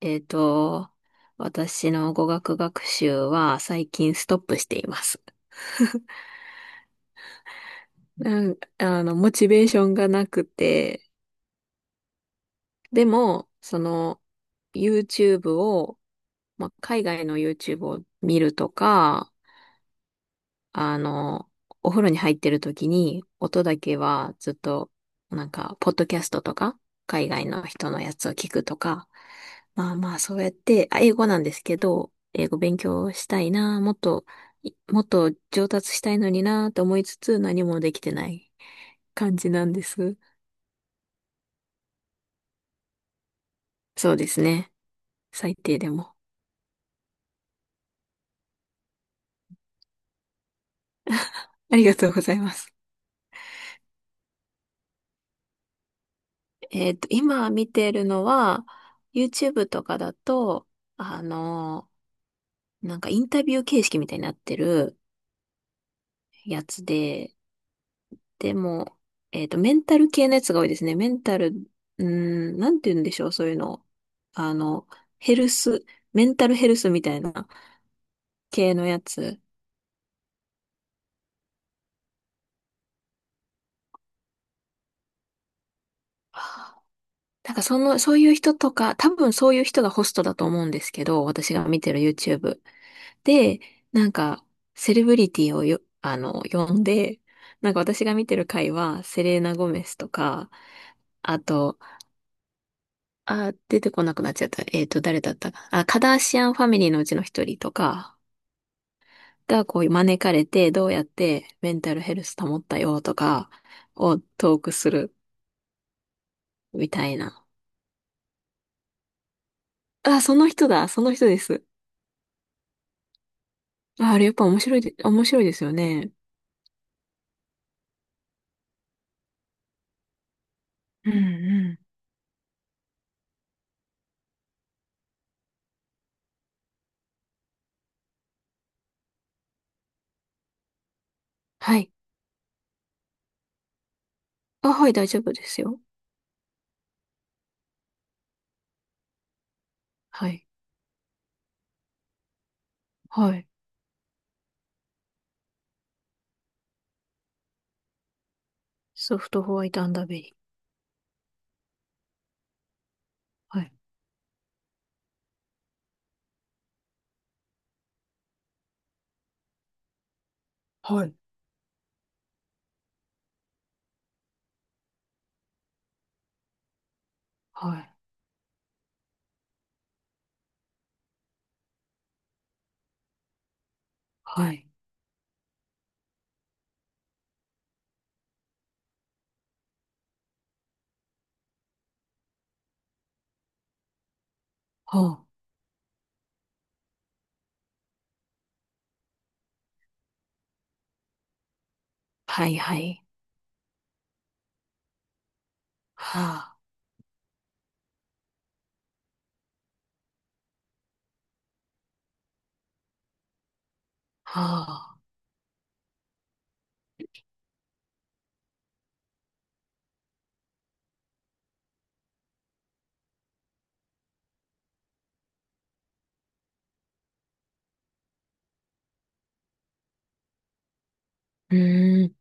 えっと、私の語学学習は最近ストップしています。なんあの、モチベーションがなくて、でも、YouTube を、まあ、海外の YouTube を見るとか、あの、お風呂に入ってる時に、音だけはずっと、ポッドキャストとか、海外の人のやつを聞くとか、まあまあ、そうやって、英語なんですけど、英語勉強したいな、もっと、もっと上達したいのになと思いつつ、何もできてない感じなんです。そうですね。最低でも。ありがとうございます。今見てるのは、YouTube とかだと、あのインタビュー形式みたいになってるやつで、でも、メンタル系のやつが多いですね。メンタル、うーなんて言うんでしょう、そういうの。あの、ヘルス、メンタルヘルスみたいな系のやつ。はあ。なんかそういう人とか、多分そういう人がホストだと思うんですけど、私が見てる YouTube。で、なんか、セレブリティをよ、あの、呼んで、なんか私が見てる回は、セレーナ・ゴメスとか、あと、出てこなくなっちゃった。誰だったか。あ、カダーシアンファミリーのうちの一人とかがこう招かれて、どうやってメンタルヘルス保ったよとかをトークするみたいな。あ、その人だ、その人です。あ、あれやっぱ面白いですよね。うんうん。はい。あ、はい、大丈夫ですよ。はい。はい。ソフトホワイトアンダーベリー。はい。はい。はい。はい。ほう。はい、はい。はあ、はあ。うーん。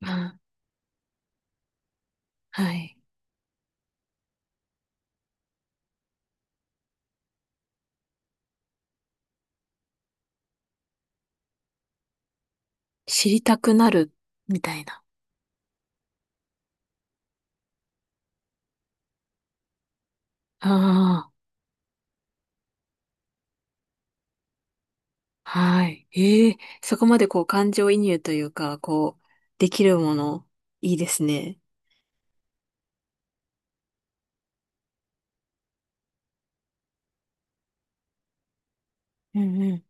あはい。知りたくなる、みたいな。ああ、はい。ええ、そこまでこう感情移入というか、こう、できるもの、いいですね。うんうん。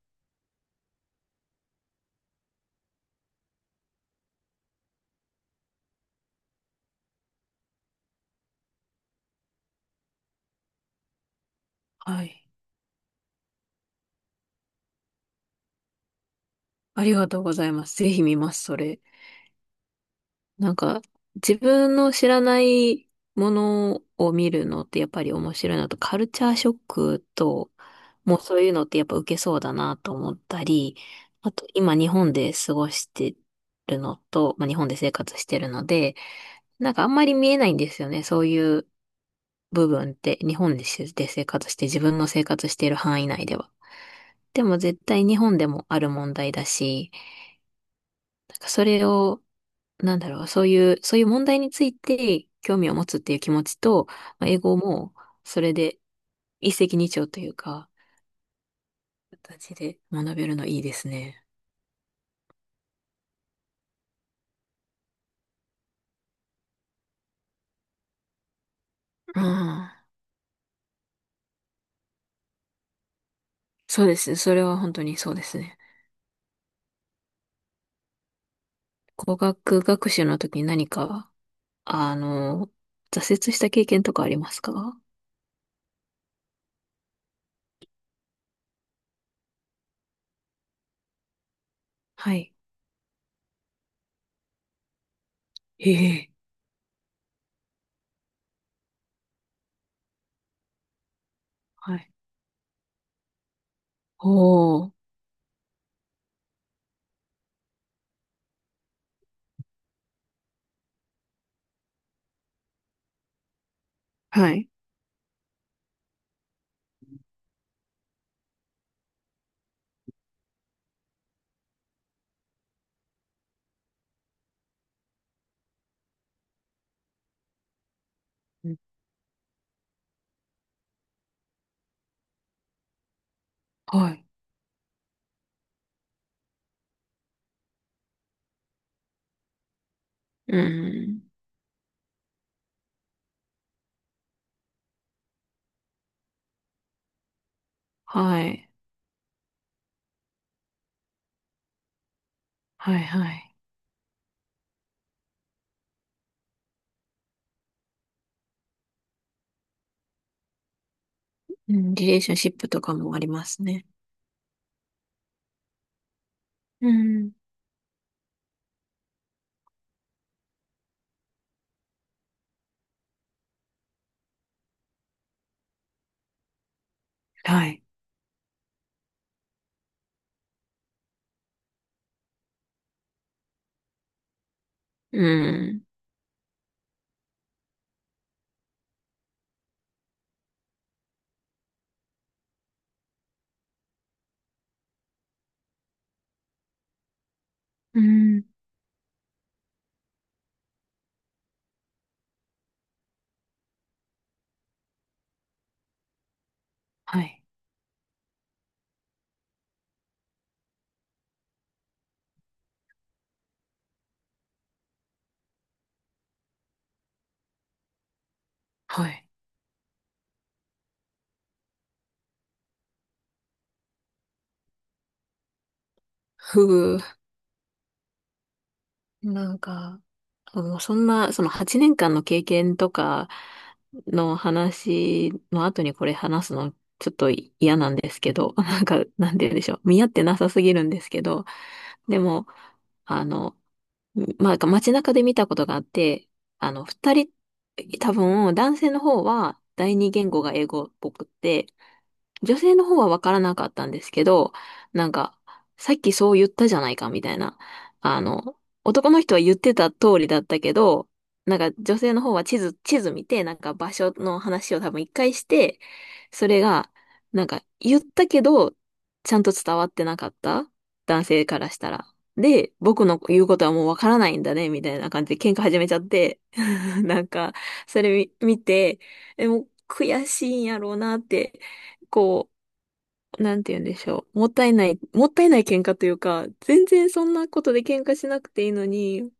はい。ありがとうございます。ぜひ見ます、それ。なんか、自分の知らないものを見るのってやっぱり面白いなと、カルチャーショックと、もうそういうのってやっぱ受けそうだなと思ったり、あと今日本で過ごしてるのと、まあ、日本で生活してるので、なんかあんまり見えないんですよね。そういう部分って、日本で生活して、自分の生活している範囲内では。でも絶対日本でもある問題だし、なんかそれを、なんだろう、そういう問題について興味を持つっていう気持ちと、まあ、英語もそれで一石二鳥というか、形で学べるのいいですね。うん。そうですね。それは本当にそうですね。語学学習の時に何かあの、挫折した経験とかありますか？はい。ええ。はい。おー。はい。うんはい。うん。はい。はい、はい。うん、リレーションシップとかもありますね。うん。はい。うん。うん。はい。はい。ふう。なんか、もうそんな、その8年間の経験とかの話の後にこれ話すのちょっと嫌なんですけど、なんか、なんて言うんでしょう。見合ってなさすぎるんですけど、でも、あの、まあ、街中で見たことがあって、二人、多分、男性の方は第二言語が英語っぽくって、女性の方はわからなかったんですけど、なんか、さっきそう言ったじゃないかみたいな。あの、男の人は言ってた通りだったけど、なんか女性の方は地図見て、なんか場所の話を多分一回して、それが、なんか言ったけど、ちゃんと伝わってなかった男性からしたら。で、僕の言うことはもうわからないんだね、みたいな感じで喧嘩始めちゃって、なんか、それ見て、もう悔しいんやろうなって、こう、なんて言うんでしょう。もったいない、もったいない喧嘩というか、全然そんなことで喧嘩しなくていいのに、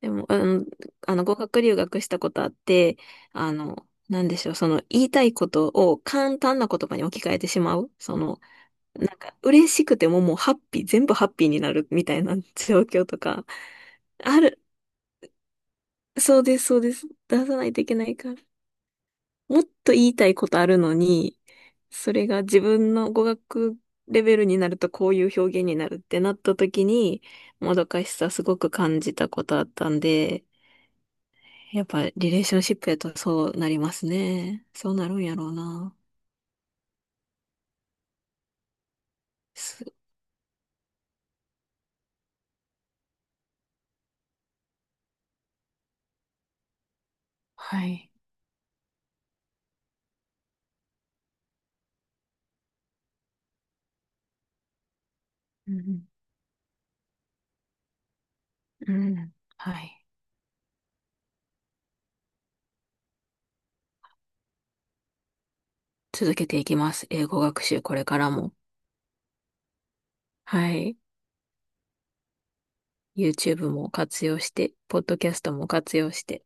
でも、語学留学したことあって、なんでしょう、その言いたいことを簡単な言葉に置き換えてしまう。なんか嬉しくてももうハッピー、全部ハッピーになるみたいな状況とか、ある、そうです、そうです。出さないといけないから。もっと言いたいことあるのに、それが自分の語学レベルになるとこういう表現になるってなった時に、もどかしさすごく感じたことあったんで、やっぱリレーションシップやとそうなりますね。そうなるんやろうな。すはい。うん。うんはい。続けていきます。英語学習これからも。はい。YouTube も活用して、ポッドキャストも活用して、